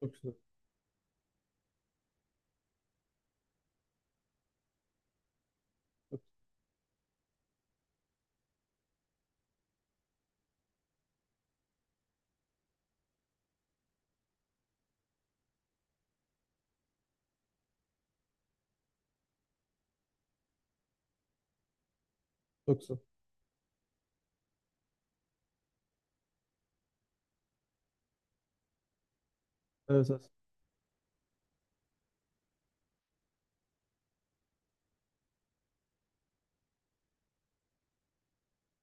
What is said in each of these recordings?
Çok güzel. Çok güzel. Evet, evet.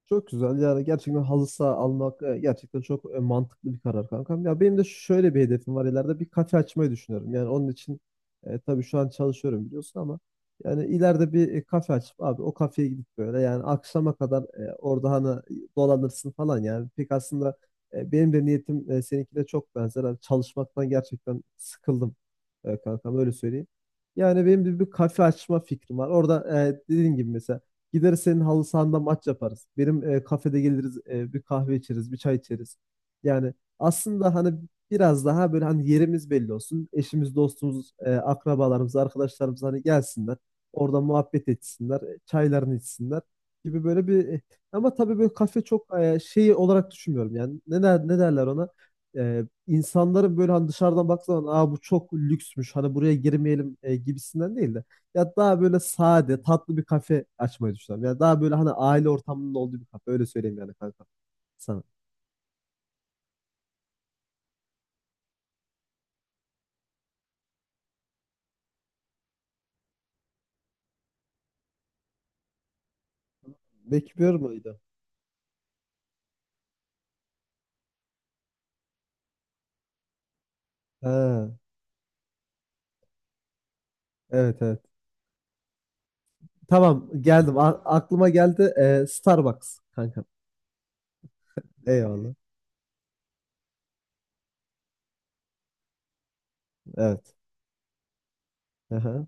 Çok güzel. Yani gerçekten halı saha almak gerçekten çok mantıklı bir karar kankam. Ya benim de şöyle bir hedefim var. İleride bir kafe açmayı düşünüyorum. Yani onun için tabii şu an çalışıyorum biliyorsun ama yani ileride bir kafe açıp abi o kafeye gidip böyle yani akşama kadar orada hani dolanırsın falan yani. Pek aslında benim de niyetim seninkine çok benzer. Hani çalışmaktan gerçekten sıkıldım kankam öyle söyleyeyim. Yani benim bir kafe açma fikrim var. Orada dediğin gibi mesela gideriz senin halı sahanda maç yaparız. Benim kafede geliriz, bir kahve içeriz, bir çay içeriz. Yani aslında hani biraz daha böyle hani yerimiz belli olsun. Eşimiz, dostumuz, akrabalarımız, arkadaşlarımız hani gelsinler. Orada muhabbet etsinler, çaylarını içsinler gibi böyle bir ama tabii böyle kafe çok şey olarak düşünmüyorum yani. Ne der, ne derler ona? İnsanların böyle hani dışarıdan baktığı zaman aa, bu çok lüksmüş hani buraya girmeyelim gibisinden değil de ya daha böyle sade, tatlı bir kafe açmayı düşünüyorum. Ya daha böyle hani aile ortamının olduğu bir kafe. Öyle söyleyeyim yani kanka sana. Bekliyor muydu? Ha, evet evet. Tamam geldim. Aklıma geldi. Starbucks kanka. Eyvallah. Evet. Aha.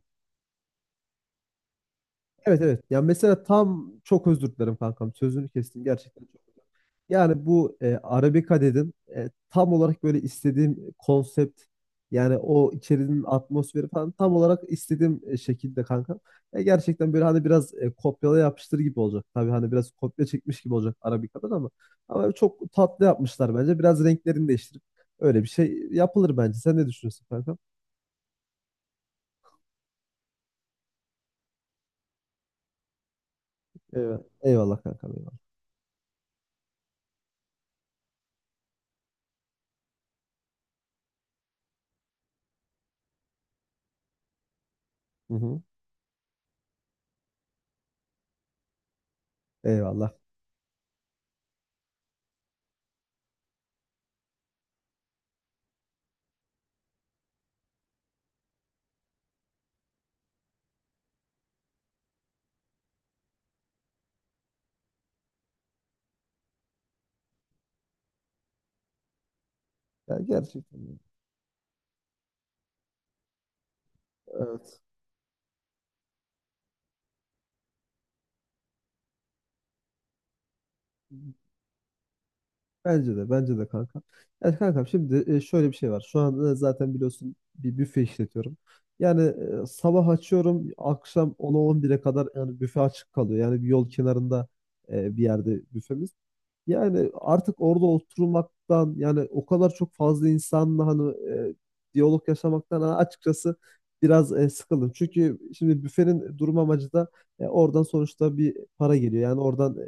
Evet evet. Ya mesela tam çok özür dilerim kankam. Sözünü kestim gerçekten çok. Yani bu Arabica dedim. Tam olarak böyle istediğim konsept, yani o içerinin atmosferi falan tam olarak istediğim şekilde kankam. Gerçekten böyle hani biraz kopyala yapıştır gibi olacak. Tabii hani biraz kopya çekmiş gibi olacak Arabica'dan, ama çok tatlı yapmışlar bence. Biraz renklerini değiştirip öyle bir şey yapılır bence. Sen ne düşünüyorsun kankam? Evet. Eyvallah kankam, eyvallah. Hı hı. Eyvallah. Ya gerçekten. Evet. Bence de, bence de kanka. Yani kankam şimdi şöyle bir şey var. Şu an zaten biliyorsun bir büfe işletiyorum. Yani sabah açıyorum, akşam ona on bire kadar yani büfe açık kalıyor. Yani bir yol kenarında bir yerde büfemiz. Yani artık orada oturmaktan yani o kadar çok fazla insanla hani diyalog yaşamaktan hani açıkçası biraz sıkıldım. Çünkü şimdi büfenin durum amacı da oradan sonuçta bir para geliyor. Yani oradan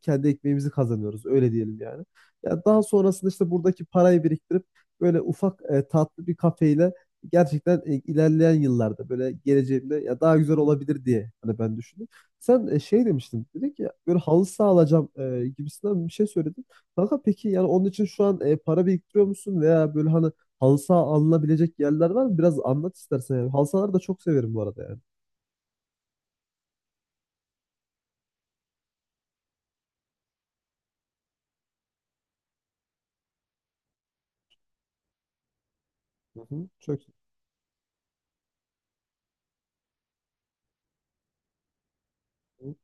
kendi ekmeğimizi kazanıyoruz öyle diyelim yani. Ya daha sonrasında işte buradaki parayı biriktirip böyle ufak tatlı bir kafeyle gerçekten ilerleyen yıllarda böyle geleceğimde ya daha güzel olabilir diye hani ben düşündüm. Sen şey demiştin dedik ya, böyle halı saha alacağım gibisinden bir şey söyledin. Kanka peki, yani onun için şu an para biriktiriyor musun, veya böyle hani halı saha alınabilecek yerler var mı? Biraz anlat istersen yani. Halı sahaları da çok severim bu arada yani. Hı hı, çok. Hı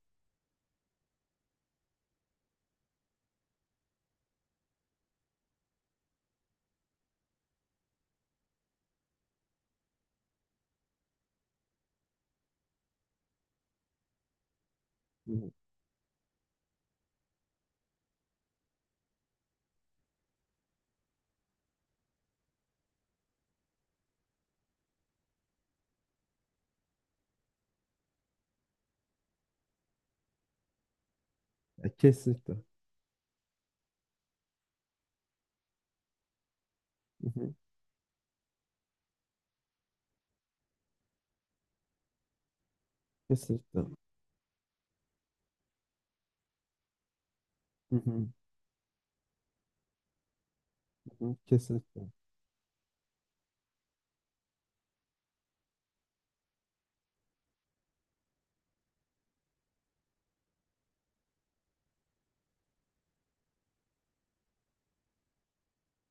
hı. Ya kesinlikle. Hı hı, kesinlikle. Hı hı, hı hı, Kesinlikle.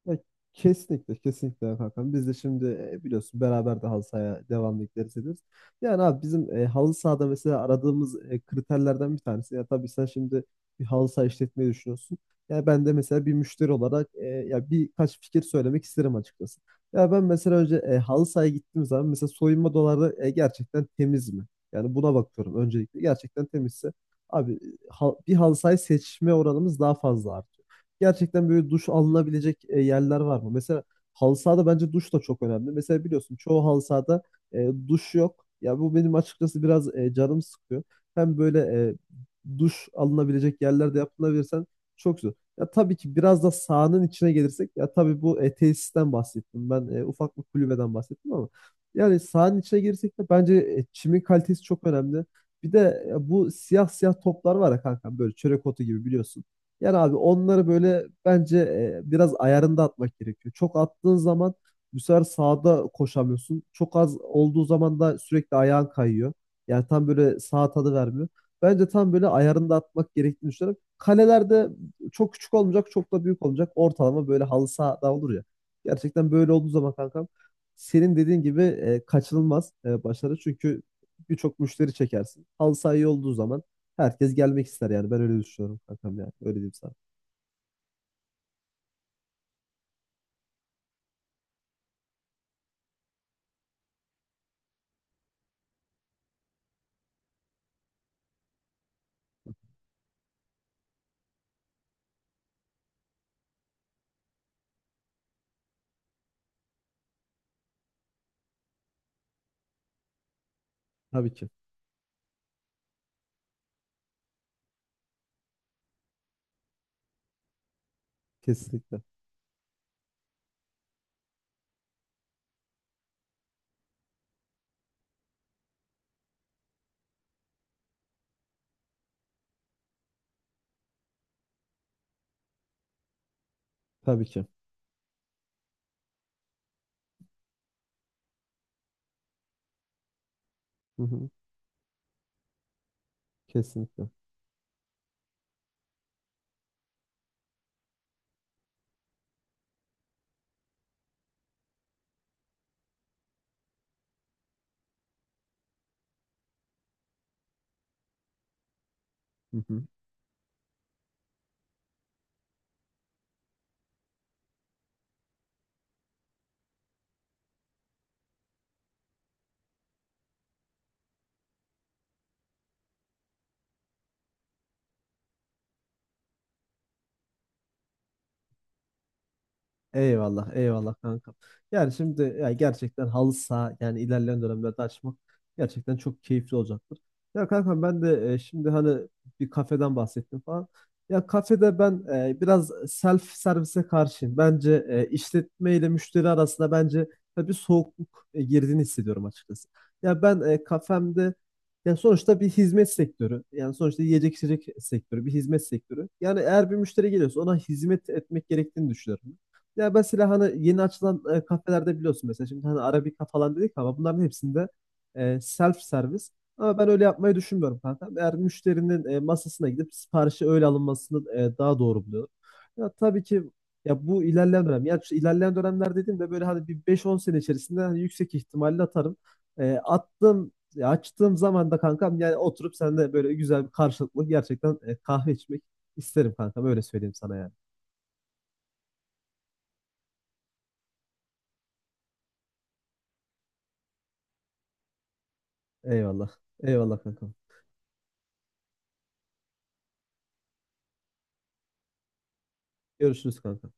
Ya, kesinlikle, kesinlikle Hakan. Biz de şimdi biliyorsun beraber de halı sahaya devamlı gideriz ederiz. Yani abi bizim halı sahada mesela aradığımız kriterlerden bir tanesi. Ya tabii sen şimdi bir halı saha işletmeyi düşünüyorsun. Ya ben de mesela bir müşteri olarak ya birkaç fikir söylemek isterim açıkçası. Ya ben mesela önce halı sahaya gittiğim zaman mesela soyunma doları gerçekten temiz mi? Yani buna bakıyorum öncelikle. Gerçekten temizse abi, bir halı sahayı seçme oranımız daha fazla artıyor. Gerçekten böyle duş alınabilecek yerler var mı? Mesela halı sahada bence duş da çok önemli. Mesela biliyorsun çoğu halı sahada duş yok. Ya bu benim açıkçası biraz canım sıkıyor. Hem böyle duş alınabilecek yerlerde yapılabilirsen çok güzel. Ya tabii ki biraz da sahanın içine gelirsek, ya tabii bu tesisten bahsettim. Ben ufak bir kulübeden bahsettim ama yani sahanın içine girsek de bence çimin kalitesi çok önemli. Bir de bu siyah siyah toplar var ya kanka, böyle çörek otu gibi biliyorsun. Yani abi onları böyle bence biraz ayarında atmak gerekiyor. Çok attığın zaman bu sefer sağda koşamıyorsun. Çok az olduğu zaman da sürekli ayağın kayıyor. Yani tam böyle sağ tadı vermiyor. Bence tam böyle ayarında atmak gerektiğini düşünüyorum. Kaleler de çok küçük olmayacak, çok da büyük olmayacak. Ortalama böyle halı sahada olur ya. Gerçekten böyle olduğu zaman kankam senin dediğin gibi kaçınılmaz başarı. Çünkü birçok müşteri çekersin. Halı saha iyi olduğu zaman herkes gelmek ister yani. Ben öyle düşünüyorum kankam yani. Öyle diyeyim sana. Tabii ki. Kesinlikle. Tabii ki. Hı hı. Kesinlikle. Hı hı. Eyvallah, eyvallah kanka. Yani şimdi ya gerçekten halı saha yani ilerleyen dönemlerde açmak gerçekten çok keyifli olacaktır. Ya kanka ben de şimdi hani bir kafeden bahsettim falan. Ya kafede ben biraz self servise karşıyım. Bence işletme ile müşteri arasında bence ya bir soğukluk girdiğini hissediyorum açıkçası. Ya ben kafemde, ya sonuçta bir hizmet sektörü. Yani sonuçta yiyecek içecek sektörü, bir hizmet sektörü. Yani eğer bir müşteri geliyorsa ona hizmet etmek gerektiğini düşünüyorum. Ya mesela hani yeni açılan kafelerde biliyorsun, mesela şimdi hani Arabica falan dedik ama bunların hepsinde self servis. Ama ben öyle yapmayı düşünmüyorum kanka. Eğer müşterinin masasına gidip siparişi öyle alınmasını daha doğru buluyorum. Ya tabii ki, ya bu ilerleyen dönem. Yani şu ilerleyen dönemler dediğimde böyle hani bir 5-10 sene içerisinde hani yüksek ihtimalle atarım. Attığım ya açtığım zaman da kankam yani oturup seninle böyle güzel bir karşılıklı gerçekten kahve içmek isterim kankam, öyle söyleyeyim sana yani. Eyvallah. Eyvallah kankam. Görüşürüz kanka.